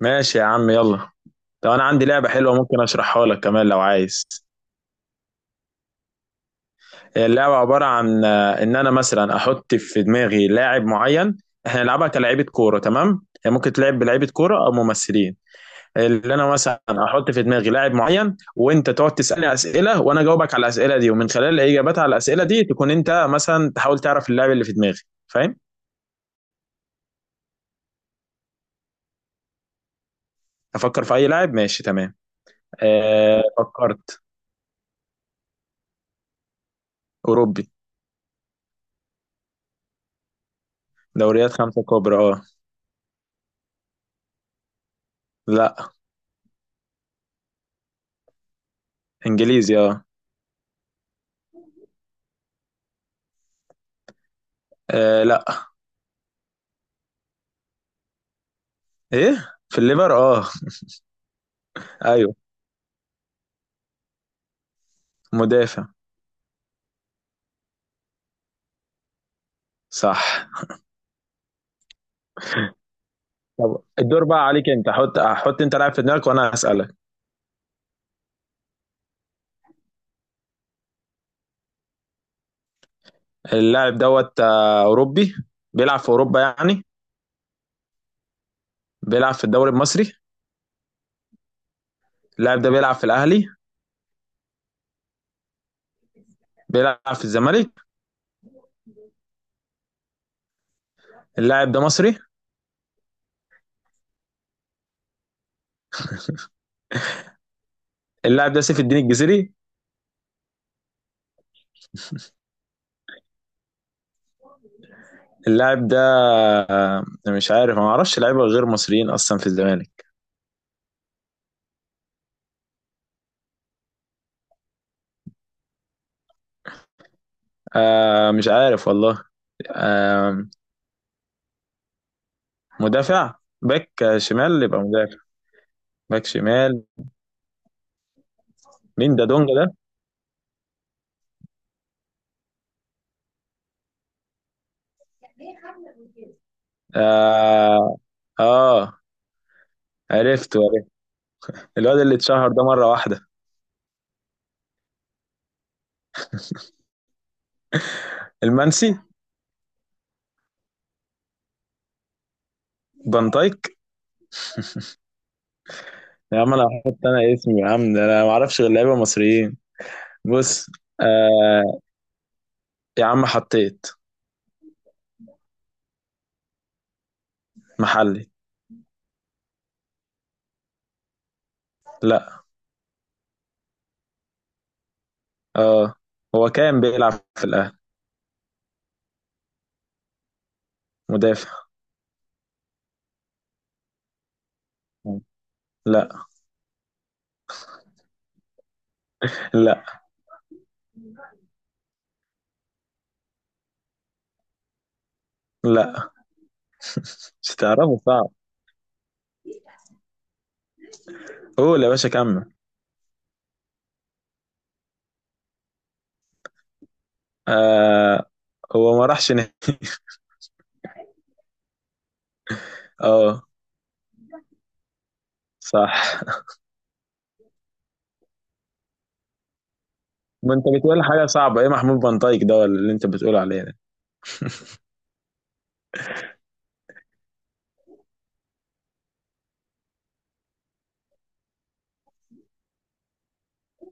ماشي يا عم يلا. طب انا عندي لعبة حلوة، ممكن اشرحها لك كمان لو عايز. هي اللعبة عبارة عن ان انا مثلا احط في دماغي لاعب معين. احنا نلعبها كلاعيبة كورة، تمام؟ هي ممكن تلعب بلاعيبة كورة او ممثلين. اللي انا مثلا احط في دماغي لاعب معين، وانت تقعد تسألني اسئلة وانا اجاوبك على الاسئلة دي، ومن خلال الاجابات على الاسئلة دي تكون انت مثلا تحاول تعرف اللاعب اللي في دماغي. فاهم؟ افكر في اي لاعب، ماشي تمام. فكرت. اوروبي. دوريات خمسة كبرى، اه. لا. انجليزي، اه. آه، لا. ايه، في الليفر، اه. ايوه. مدافع. صح. طب الدور بقى عليك، انت حط حط انت لاعب في دماغك وانا هسألك. اللاعب دوت آه، اوروبي. بيلعب في اوروبا يعني. بيلعب في الدوري المصري. اللاعب ده بيلعب في الاهلي. بيلعب في الزمالك. اللاعب ده مصري. اللاعب ده سيف الدين الجزيري. اللاعب ده مش عارف، ما اعرفش لعيبه غير مصريين اصلا في الزمالك. مش عارف والله. آه. مدافع. باك. شمال، يبقى مدافع. باك شمال. مين ده؟ دونجا؟ آه, آه عرفت عرفت. الواد اللي اتشهر ده مرة واحدة. المنسي. بنطايك. يا عم أنا اسمي يا عم ده، أنا ما أعرفش غير لعيبة مصريين. بص. آه. يا عم حطيت. محلي. لا. آه. هو كان بيلعب في الأهلي. مدافع. لا. لا. لا. مش تعرفه، صعب. قول يا باشا، كمل. آه. هو ما راحش نهائي. اه. صح. ما انت بتقول حاجه صعبه، ايه محمود بنطايك ده ولا اللي انت بتقول عليه ده؟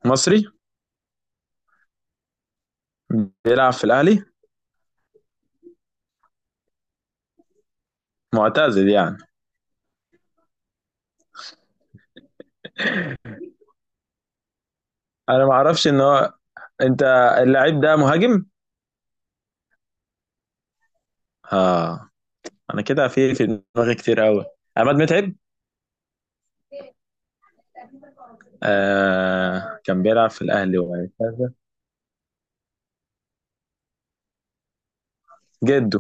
مصري. بيلعب في الاهلي. معتزل يعني. انا ما اعرفش ان هو. انت. اللاعب ده مهاجم. اه. انا كده في دماغي كتير قوي. عماد متعب. كان بيلعب في الاهلي وهكذا. جده.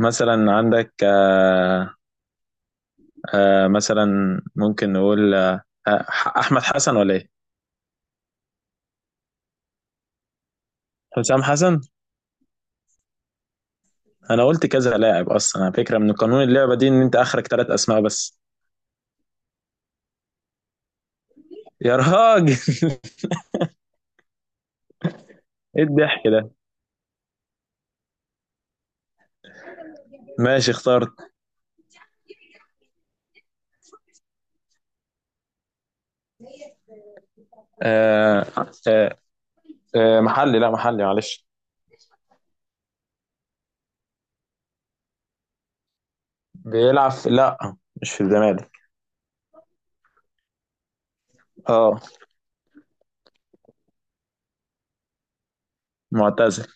مثلا عندك مثلا. ممكن نقول احمد حسن ولا ايه؟ حسام حسن. انا قلت كذا لاعب اصلا، على فكره من قانون اللعبه دي ان انت اخرك ثلاث اسماء بس. يا راجل. ايه الضحك ده؟ ماشي اخترت. آه آه محلي، لا محلي، معلش. بيلعب في لا، مش في الزمالك. اه. معتزل.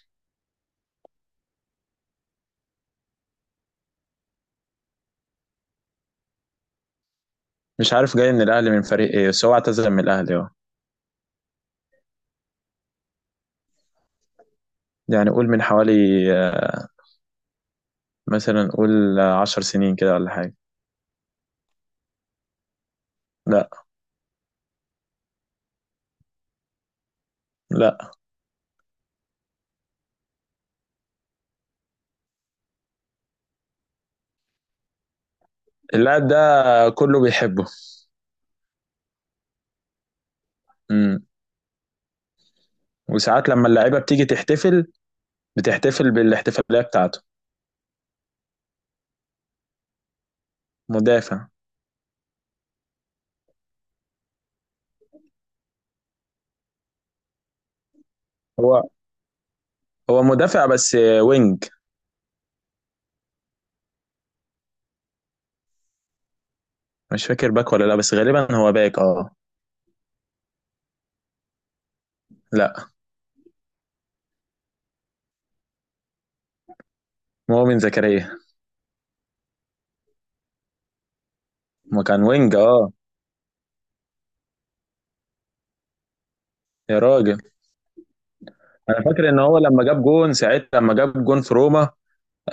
مش عارف، جاي من الاهلي من فريق ايه، بس هو اعتزل من الاهلي اه. يعني قول من حوالي آه، مثلا قول 10 سنين كده ولا حاجه. لا. لا. اللاعب ده كله بيحبه. امم وساعات لما اللعيبه بتيجي تحتفل، بتحتفل بالاحتفاليه بتاعته. مدافع. هو. هو مدافع بس وينج. مش فاكر باك ولا لا، بس غالبا هو باك اه. لا. مؤمن زكريا. ما كان وينج اه. يا راجل. انا فاكر ان هو لما جاب جون ساعتها، لما جاب جون في روما.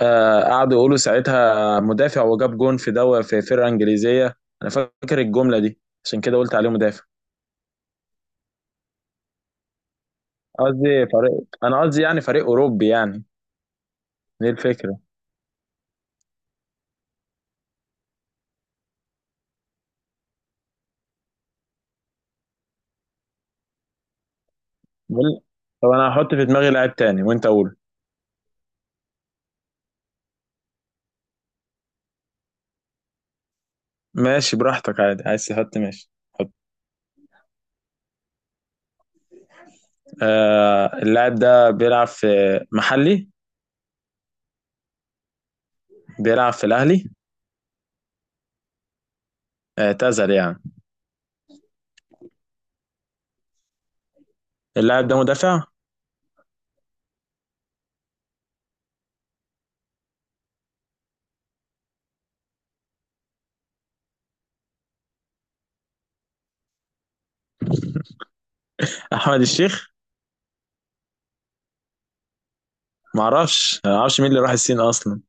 قعدوا يقولوا ساعتها مدافع، وجاب جون في فرقه انجليزيه. انا فاكر الجمله دي، عشان كده قلت عليه مدافع. قصدي فريق انا قصدي يعني فريق اوروبي يعني. دي الفكره. بقول. طب انا هحط في دماغي لاعب تاني وانت قول. ماشي براحتك عادي، عايز تحط ماشي. حط. اللاعب ده بيلعب في. محلي. بيلعب في الاهلي. اعتزل يعني. اللاعب ده مدافع. احمد الشيخ. ما اعرفش مين اللي راح الصين اصلا.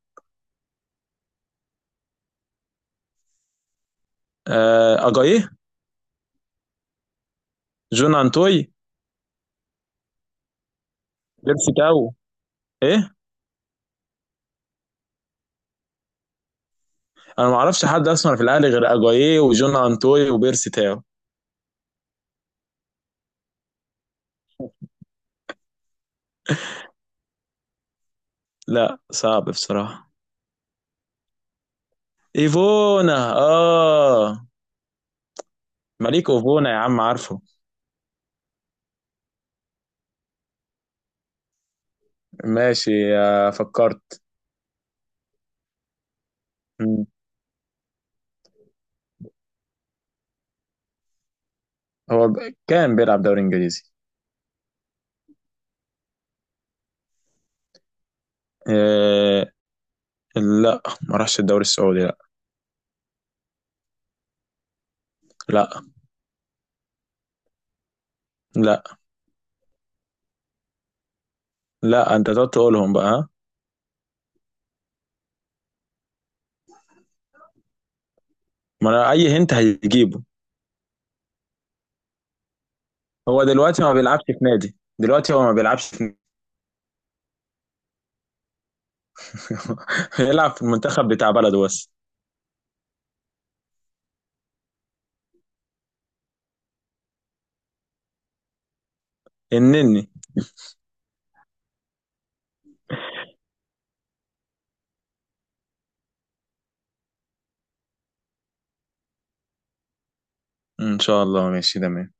اجايه. جون انتوي. بيرسي تاو. ايه. انا ما اعرفش حد اصلا في الاهلي غير اجايه وجون انتوي وبيرسي تاو. لا، صعب بصراحه. ايفونا اه. مليك ايفونا يا عم، عارفه. ماشي فكرت. مم. هو كان بيلعب دوري انجليزي. آه، لا، ما راحش الدوري السعودي لا. لا. لا. لا. انت تقعد تقولهم بقى، ها. ما انا اي هنت هيجيبه. هو دلوقتي ما بيلعبش في نادي، دلوقتي هو ما بيلعبش في. هيلعب في المنتخب بتاع بلده بس. النني. ان شاء الله ماشي تمام.